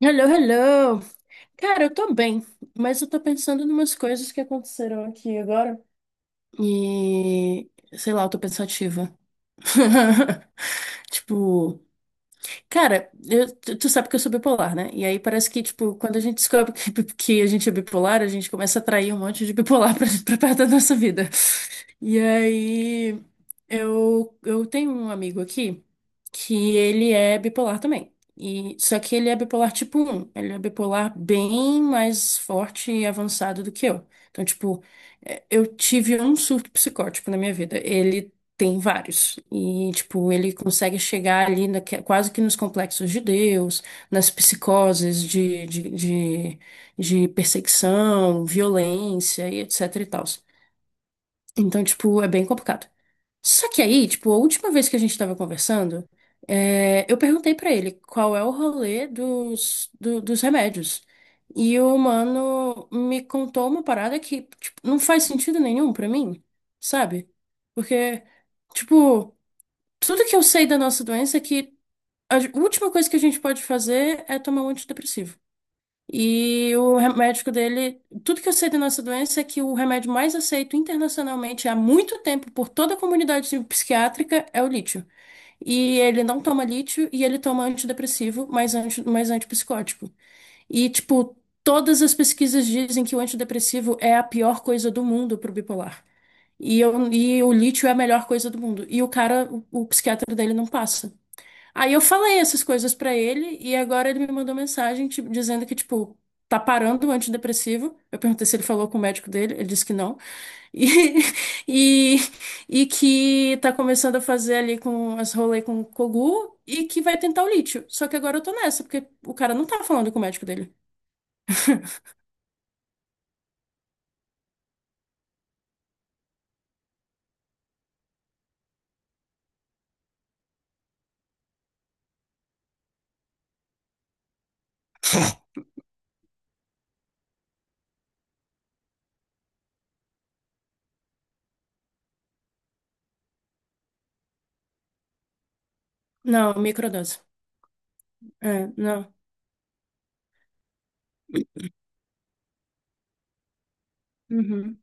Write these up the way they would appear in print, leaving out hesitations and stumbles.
Hello, hello! Cara, eu tô bem, mas eu tô pensando em umas coisas que aconteceram aqui agora e sei lá, eu tô pensativa. Tipo, cara, tu sabe que eu sou bipolar, né? E aí parece que, tipo, quando a gente descobre que a gente é bipolar, a gente começa a atrair um monte de bipolar pra perto da nossa vida. E aí eu tenho um amigo aqui que ele é bipolar também. E, só que ele é bipolar tipo um. Ele é bipolar bem mais forte e avançado do que eu. Então, tipo, é, eu tive um surto psicótico na minha vida. Ele tem vários. E, tipo, ele consegue chegar ali quase que nos complexos de Deus, nas psicoses de perseguição, violência e etc e tal. Então, tipo, é bem complicado. Só que aí, tipo, a última vez que a gente tava conversando, é, eu perguntei pra ele qual é o rolê dos remédios. E o mano me contou uma parada que, tipo, não faz sentido nenhum pra mim, sabe? Porque, tipo. Tudo que eu sei da nossa doença é que última coisa que a gente pode fazer é tomar um antidepressivo. E o remédio dele, tudo que eu sei da nossa doença é que o remédio mais aceito internacionalmente há muito tempo por toda a comunidade psiquiátrica é o lítio. E ele não toma lítio e ele toma antidepressivo, mas, antipsicótico. E, tipo, todas as pesquisas dizem que o antidepressivo é a pior coisa do mundo pro bipolar. E, e o lítio é a melhor coisa do mundo. E o cara, o psiquiatra dele não passa. Aí eu falei essas coisas pra ele e agora ele me mandou mensagem tipo, dizendo que, tipo, tá parando o antidepressivo. Eu perguntei se ele falou com o médico dele, ele disse que não. E, e, e que tá começando a fazer ali com as rolê com o Kogu e que vai tentar o lítio. Só que agora eu tô nessa, porque o cara não tá falando com o médico dele. Não, microdose. É, não. Uhum.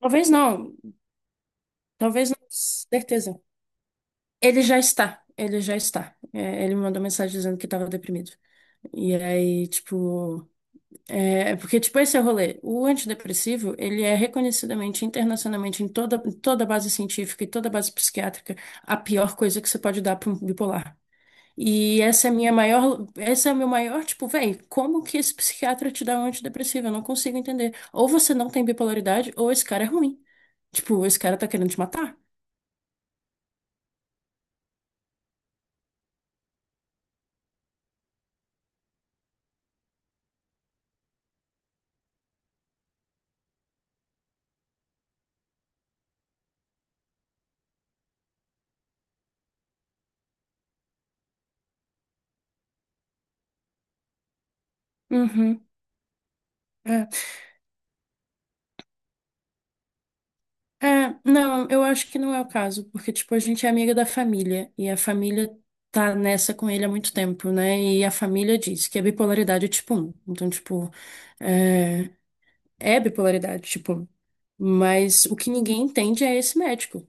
Talvez não, talvez não, certeza. Ele já está, ele já está. É, ele me mandou mensagem dizendo que estava deprimido. E aí, tipo, é porque tipo esse é o rolê. O antidepressivo, ele é reconhecidamente internacionalmente em toda base científica e toda base psiquiátrica a pior coisa que você pode dar para um bipolar. E essa é a minha maior, esse é o meu maior, tipo, véi, como que esse psiquiatra te dá um antidepressivo? Eu não consigo entender. Ou você não tem bipolaridade, ou esse cara é ruim. Tipo, esse cara tá querendo te matar. Uhum, é. É, não, eu acho que não é o caso, porque, tipo, a gente é amiga da família, e a família tá nessa com ele há muito tempo, né? E a família diz que a bipolaridade é tipo um. Então, tipo, é, é bipolaridade, tipo, mas o que ninguém entende é esse médico.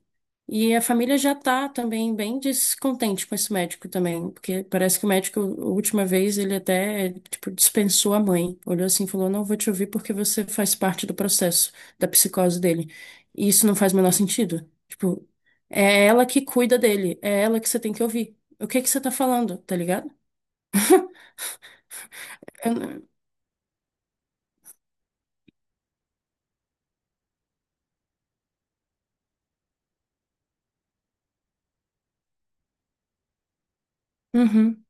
E a família já tá também bem descontente com esse médico também, porque parece que o médico, a última vez, ele até, tipo, dispensou a mãe. Olhou assim e falou: não vou te ouvir porque você faz parte do processo da psicose dele. E isso não faz o menor sentido. Tipo, é ela que cuida dele, é ela que você tem que ouvir. O que que você tá falando, tá ligado? Eu- Uhum,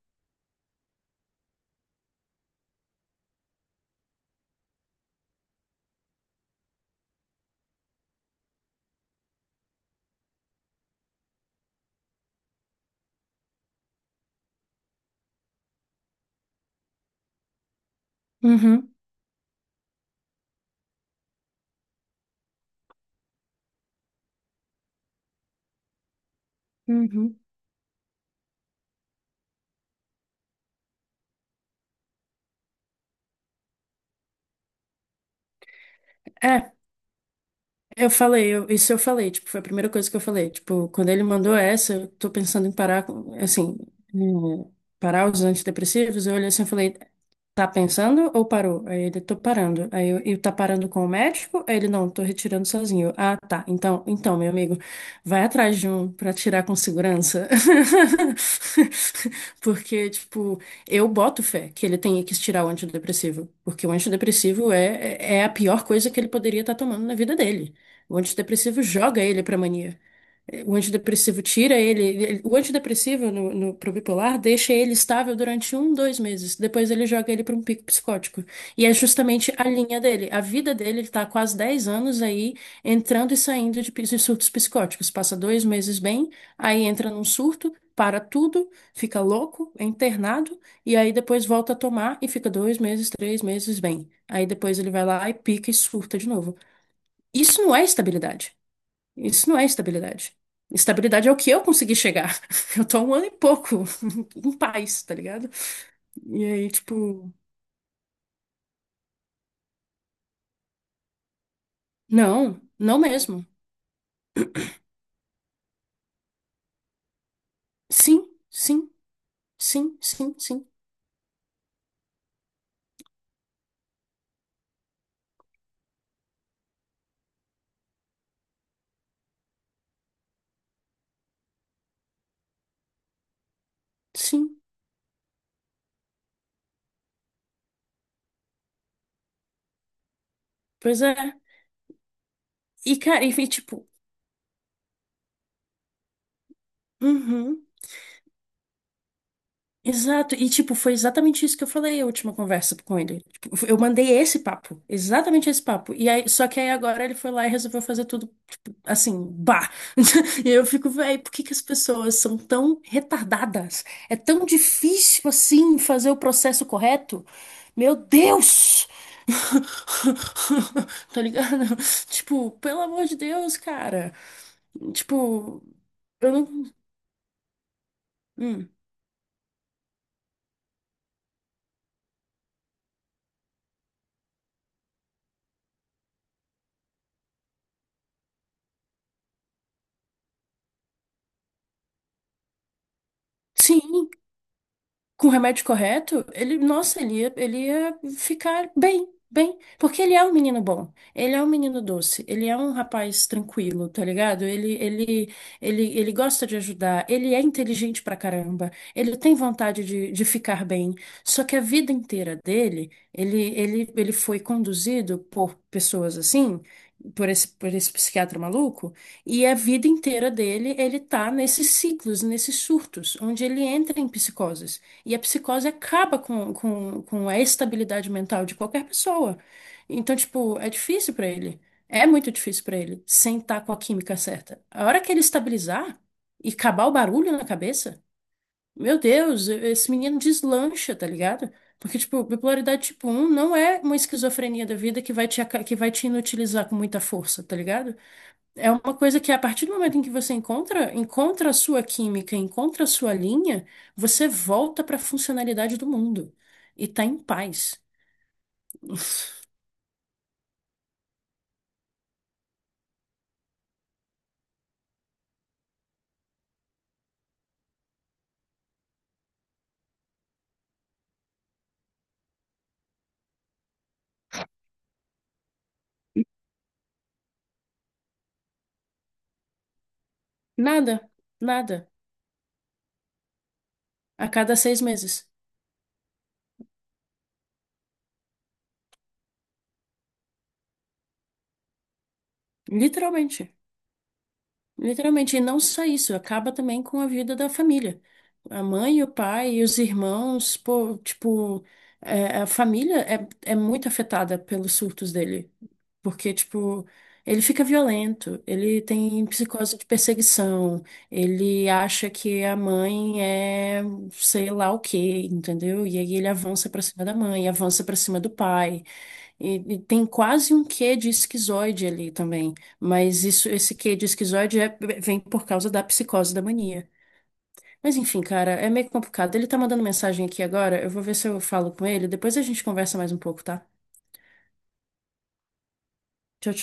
uhum, uhum. É. Eu falei, isso eu falei, tipo, foi a primeira coisa que eu falei. Tipo, quando ele mandou essa, eu tô pensando em parar, assim, hum, parar os antidepressivos, eu olhei assim e falei, tá pensando ou parou? Aí ele, tô parando. Aí eu, e tá parando com o médico? Aí ele, não, tô retirando sozinho. Eu, ah, tá. Então, então, meu amigo, vai atrás de um pra tirar com segurança. Porque, tipo, eu boto fé que ele tenha que tirar o antidepressivo. Porque o antidepressivo é é a pior coisa que ele poderia estar tomando na vida dele. O antidepressivo joga ele pra mania. O antidepressivo tira ele, o antidepressivo no, no, pro bipolar deixa ele estável durante um, 2 meses. Depois ele joga ele para um pico psicótico. E é justamente a linha dele. A vida dele, ele tá há quase 10 anos aí entrando e saindo de, de surtos psicóticos. Passa 2 meses bem, aí entra num surto, para tudo, fica louco, é internado, e aí depois volta a tomar e fica 2 meses, 3 meses bem. Aí depois ele vai lá e pica e surta de novo. Isso não é estabilidade. Isso não é estabilidade. Estabilidade é o que eu consegui chegar. Eu tô há um ano e pouco em paz, tá ligado? E aí, tipo, não, não mesmo. Sim, sim, sim, sim, sim, sim. Pois é. E, cara, enfim, tipo, uhum. Exato, e tipo, foi exatamente isso que eu falei a última conversa com ele. Tipo, eu mandei esse papo, exatamente esse papo. E aí, só que aí agora ele foi lá e resolveu fazer tudo, tipo, assim, bah. E eu fico, véi, por que que as pessoas são tão retardadas? É tão difícil assim fazer o processo correto? Meu Deus! Tá ligado? Tipo, pelo amor de Deus, cara. Tipo, eu não. Hum. Sim. Com o remédio correto, ele, nossa, ele ia ficar bem, bem, porque ele é um menino bom, ele é um menino doce, ele é um rapaz tranquilo, tá ligado? Ele gosta de ajudar, ele é inteligente pra caramba, ele tem vontade de ficar bem, só que a vida inteira dele, ele foi conduzido por pessoas assim, por esse psiquiatra maluco, e a vida inteira dele, ele tá nesses ciclos, nesses surtos, onde ele entra em psicoses. E a psicose acaba com a estabilidade mental de qualquer pessoa. Então, tipo, é difícil pra ele. É muito difícil pra ele, sentar com a química certa. A hora que ele estabilizar e acabar o barulho na cabeça, meu Deus, esse menino deslancha, tá ligado? Porque, tipo, bipolaridade tipo um não é uma esquizofrenia da vida que vai te, que vai te inutilizar com muita força, tá ligado? É uma coisa que a partir do momento em que você encontra, encontra a sua química, encontra a sua linha, você volta para a funcionalidade do mundo e tá em paz. Nada, nada. A cada 6 meses. Literalmente. Literalmente. E não só isso, acaba também com a vida da família. A mãe, o pai, os irmãos, pô, tipo, é, a família é muito afetada pelos surtos dele. Porque, tipo, ele fica violento, ele tem psicose de perseguição, ele acha que a mãe é sei lá o quê, entendeu? E aí ele avança pra cima da mãe, avança pra cima do pai. E tem quase um quê de esquizoide ali também. Mas isso, esse quê de esquizoide vem por causa da psicose da mania. Mas enfim, cara, é meio complicado. Ele tá mandando mensagem aqui agora, eu vou ver se eu falo com ele, depois a gente conversa mais um pouco, tá? Tchau.